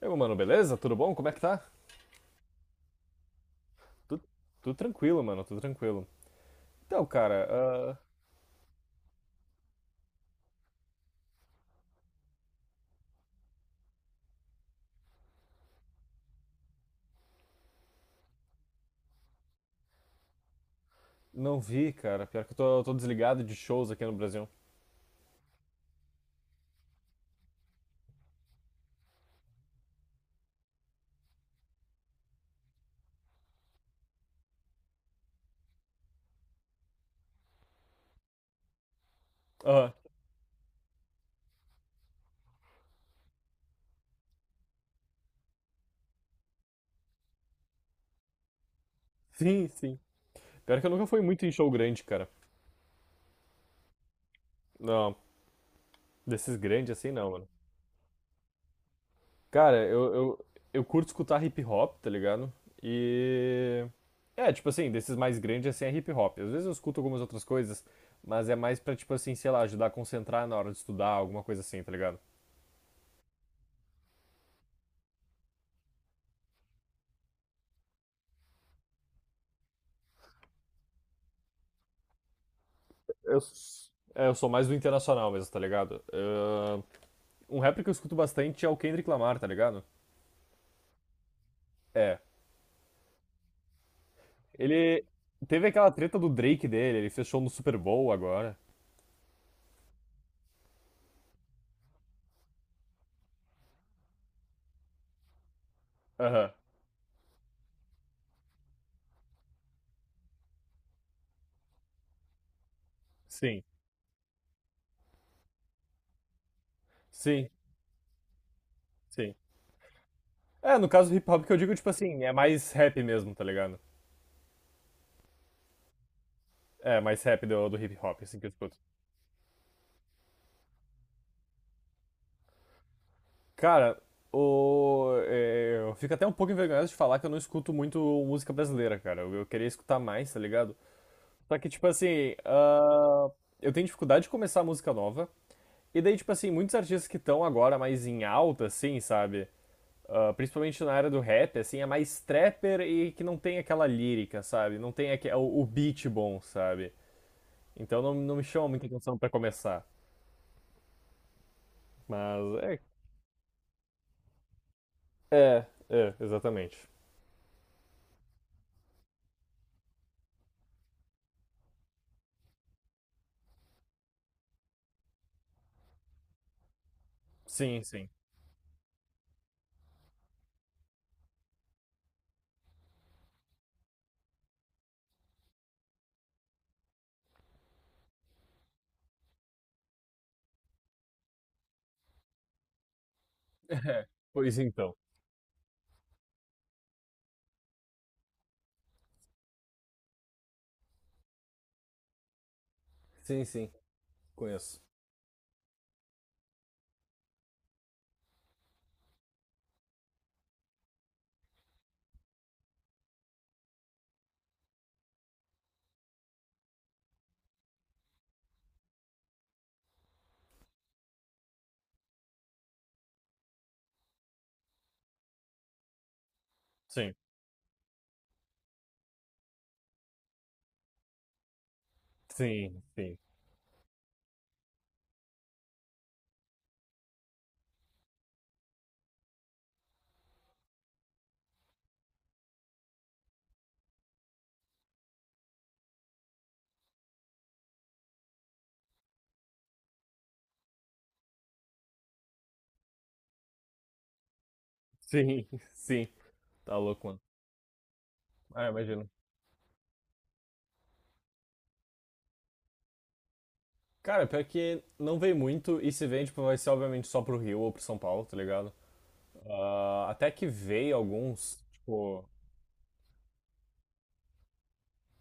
Eu, mano, beleza? Tudo bom? Como é que tá? Tudo, tudo tranquilo, mano, tudo tranquilo. Então, cara, ah, não vi, cara. Pior que eu tô desligado de shows aqui no Brasil. Aham. Sim, sim. Pior que eu nunca fui muito em show grande, cara. Não, desses grandes assim não, mano. Cara, eu curto escutar hip hop, tá ligado? E. É, tipo assim, desses mais grandes assim é hip hop. Às vezes eu escuto algumas outras coisas, mas é mais pra, tipo assim, sei lá, ajudar a concentrar na hora de estudar, alguma coisa assim, tá ligado? Eu, é, eu sou mais do internacional mesmo, tá ligado? Um rapper que eu escuto bastante é o Kendrick Lamar, tá ligado? É. Ele teve aquela treta do Drake dele, ele fechou no Super Bowl agora. Aham. Sim. Sim, sim. É, no caso do hip hop que eu digo, tipo assim, é mais rap mesmo, tá ligado? É, mais rap do hip hop, assim que eu escuto. Cara, o, é, eu fico até um pouco envergonhado de falar que eu não escuto muito música brasileira, cara. Eu queria escutar mais, tá ligado? Só que, tipo assim, ah, eu tenho dificuldade de começar música nova. E daí, tipo assim, muitos artistas que estão agora mais em alta, assim, sabe? Ah, principalmente na área do rap, assim, é mais trapper e que não tem aquela lírica, sabe? Não tem o beat bom, sabe? Então não me chama muita atenção pra começar. Mas é, é, é, exatamente. Sim, sim. É, pois então. Sim, sim, conheço. Sim, sim, sim, sim, sim. Tá louco, mano. Ah, imagino. Cara, pior que não vem muito, e se vem, tipo, vai ser obviamente só pro Rio ou pro São Paulo, tá ligado? Ah, até que veio alguns, tipo.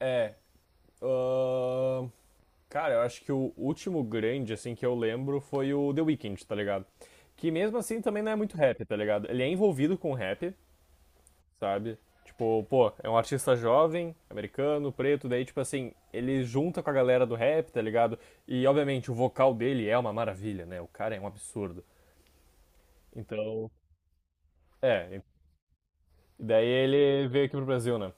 É. Ah, cara, eu acho que o último grande, assim, que eu lembro foi o The Weeknd, tá ligado? Que mesmo assim também não é muito rap, tá ligado? Ele é envolvido com rap, sabe? Tipo, pô, é um artista jovem, americano, preto, daí, tipo assim, ele junta com a galera do rap, tá ligado? E obviamente o vocal dele é uma maravilha, né? O cara é um absurdo. Então, é, e daí ele veio aqui pro Brasil, né?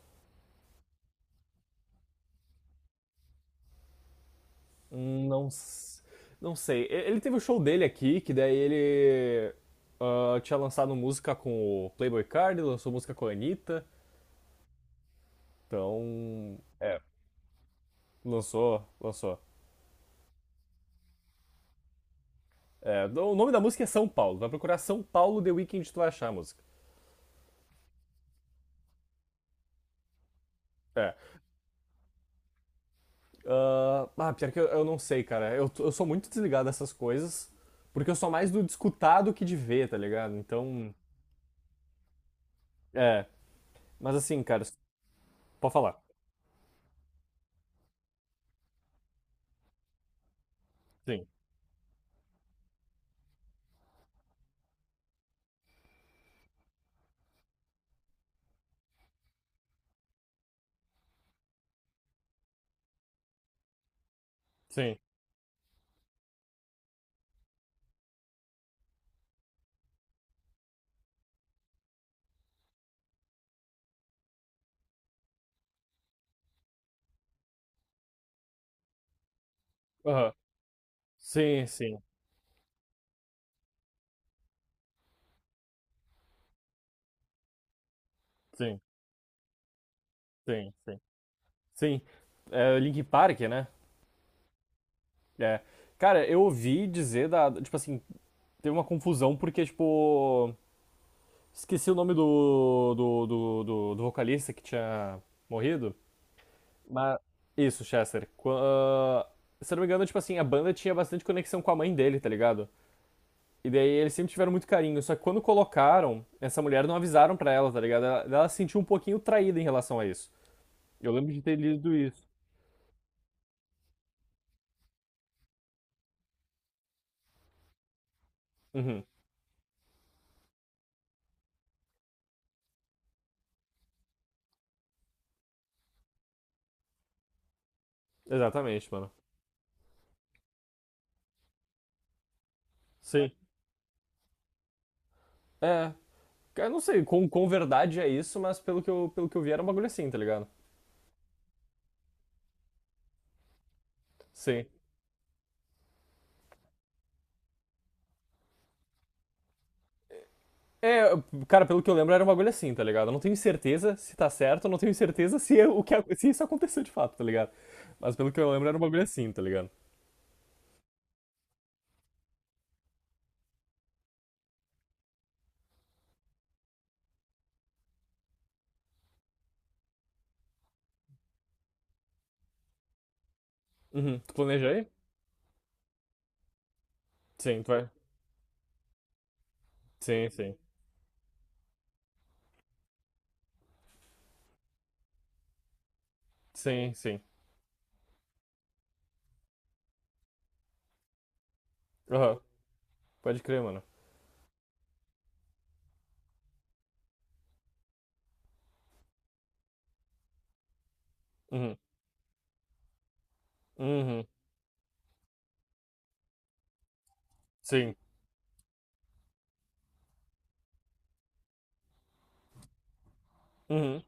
Não, s- não sei. E- Ele teve o show dele aqui, que daí ele tinha lançado música com o Playboy Cardi, lançou música com a Anitta. Então, é, lançou. É, o nome da música é São Paulo. Vai procurar São Paulo The Weeknd tu vai achar a música. É. Pior que eu não sei, cara. Eu sou muito desligado dessas coisas, porque eu sou mais do de escutar do que de ver, tá ligado? Então, é. Mas assim, cara, pode falar. Sim. Sim. Aham. Sim, sim, sim, sim, sim. Sim. É, Linkin Park, né? É. Cara, eu ouvi dizer da. Tipo assim, teve uma confusão porque, tipo. Esqueci o nome do vocalista que tinha morrido. Mas. Isso, Chester. Se eu não me engano, tipo assim, a banda tinha bastante conexão com a mãe dele, tá ligado? E daí eles sempre tiveram muito carinho. Só que quando colocaram, essa mulher não avisaram pra ela, tá ligado? Ela se sentiu um pouquinho traída em relação a isso. Eu lembro de ter lido isso. Uhum. Exatamente, mano. Sim. É. Eu não sei com verdade é isso, mas pelo que eu vi era um bagulho assim, tá ligado? Sim. É, cara, pelo que eu lembro era um bagulho assim, tá ligado? Eu não tenho certeza se tá certo, eu não tenho certeza se, é o que, se isso aconteceu de fato, tá ligado? Mas pelo que eu lembro era um bagulho assim, tá ligado? Uhum. Tu planeja aí? Sim, tu vai. Sim, sim. Sim, sim. Aham. Pode crer, mano. Uhum. Uhum. Sim. Uhum.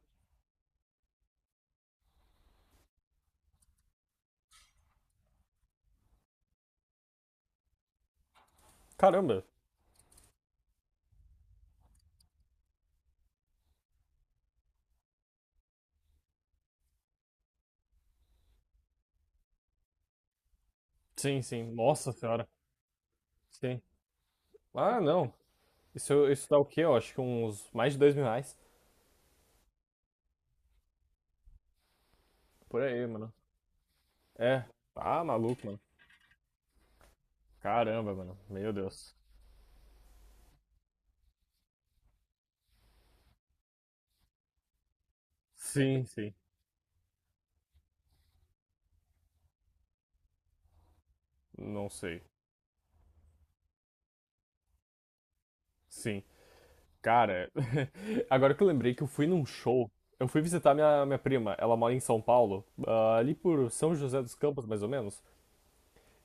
Caramba. Sim, sim. Nossa senhora. Sim. Ah, não. Isso dá o quê? Eu acho que uns mais de R$ 2.000. Por aí, mano. É. Ah, maluco, mano. Caramba, mano. Meu Deus. Sim, sim. Não sei. Sim. Cara, agora que eu lembrei que eu fui num show. Eu fui visitar minha prima. Ela mora em São Paulo. Ali por São José dos Campos, mais ou menos.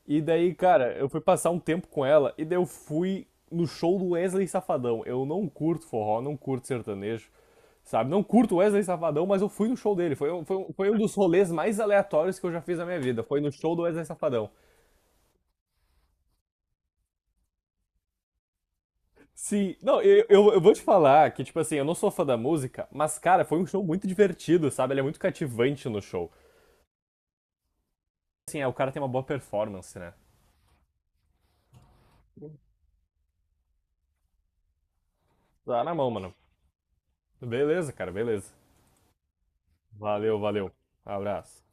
E daí, cara, eu fui passar um tempo com ela e daí eu fui no show do Wesley Safadão. Eu não curto forró, não curto sertanejo, sabe? Não curto Wesley Safadão, mas eu fui no show dele. Foi um dos rolês mais aleatórios que eu já fiz na minha vida. Foi no show do Wesley Safadão. Sim, não, eu vou te falar que, tipo assim, eu não sou fã da música, mas, cara, foi um show muito divertido, sabe? Ele é muito cativante no show. Assim, é, o cara tem uma boa performance, né? Tá na mão, mano. Beleza, cara, beleza. Valeu, valeu. Abraço.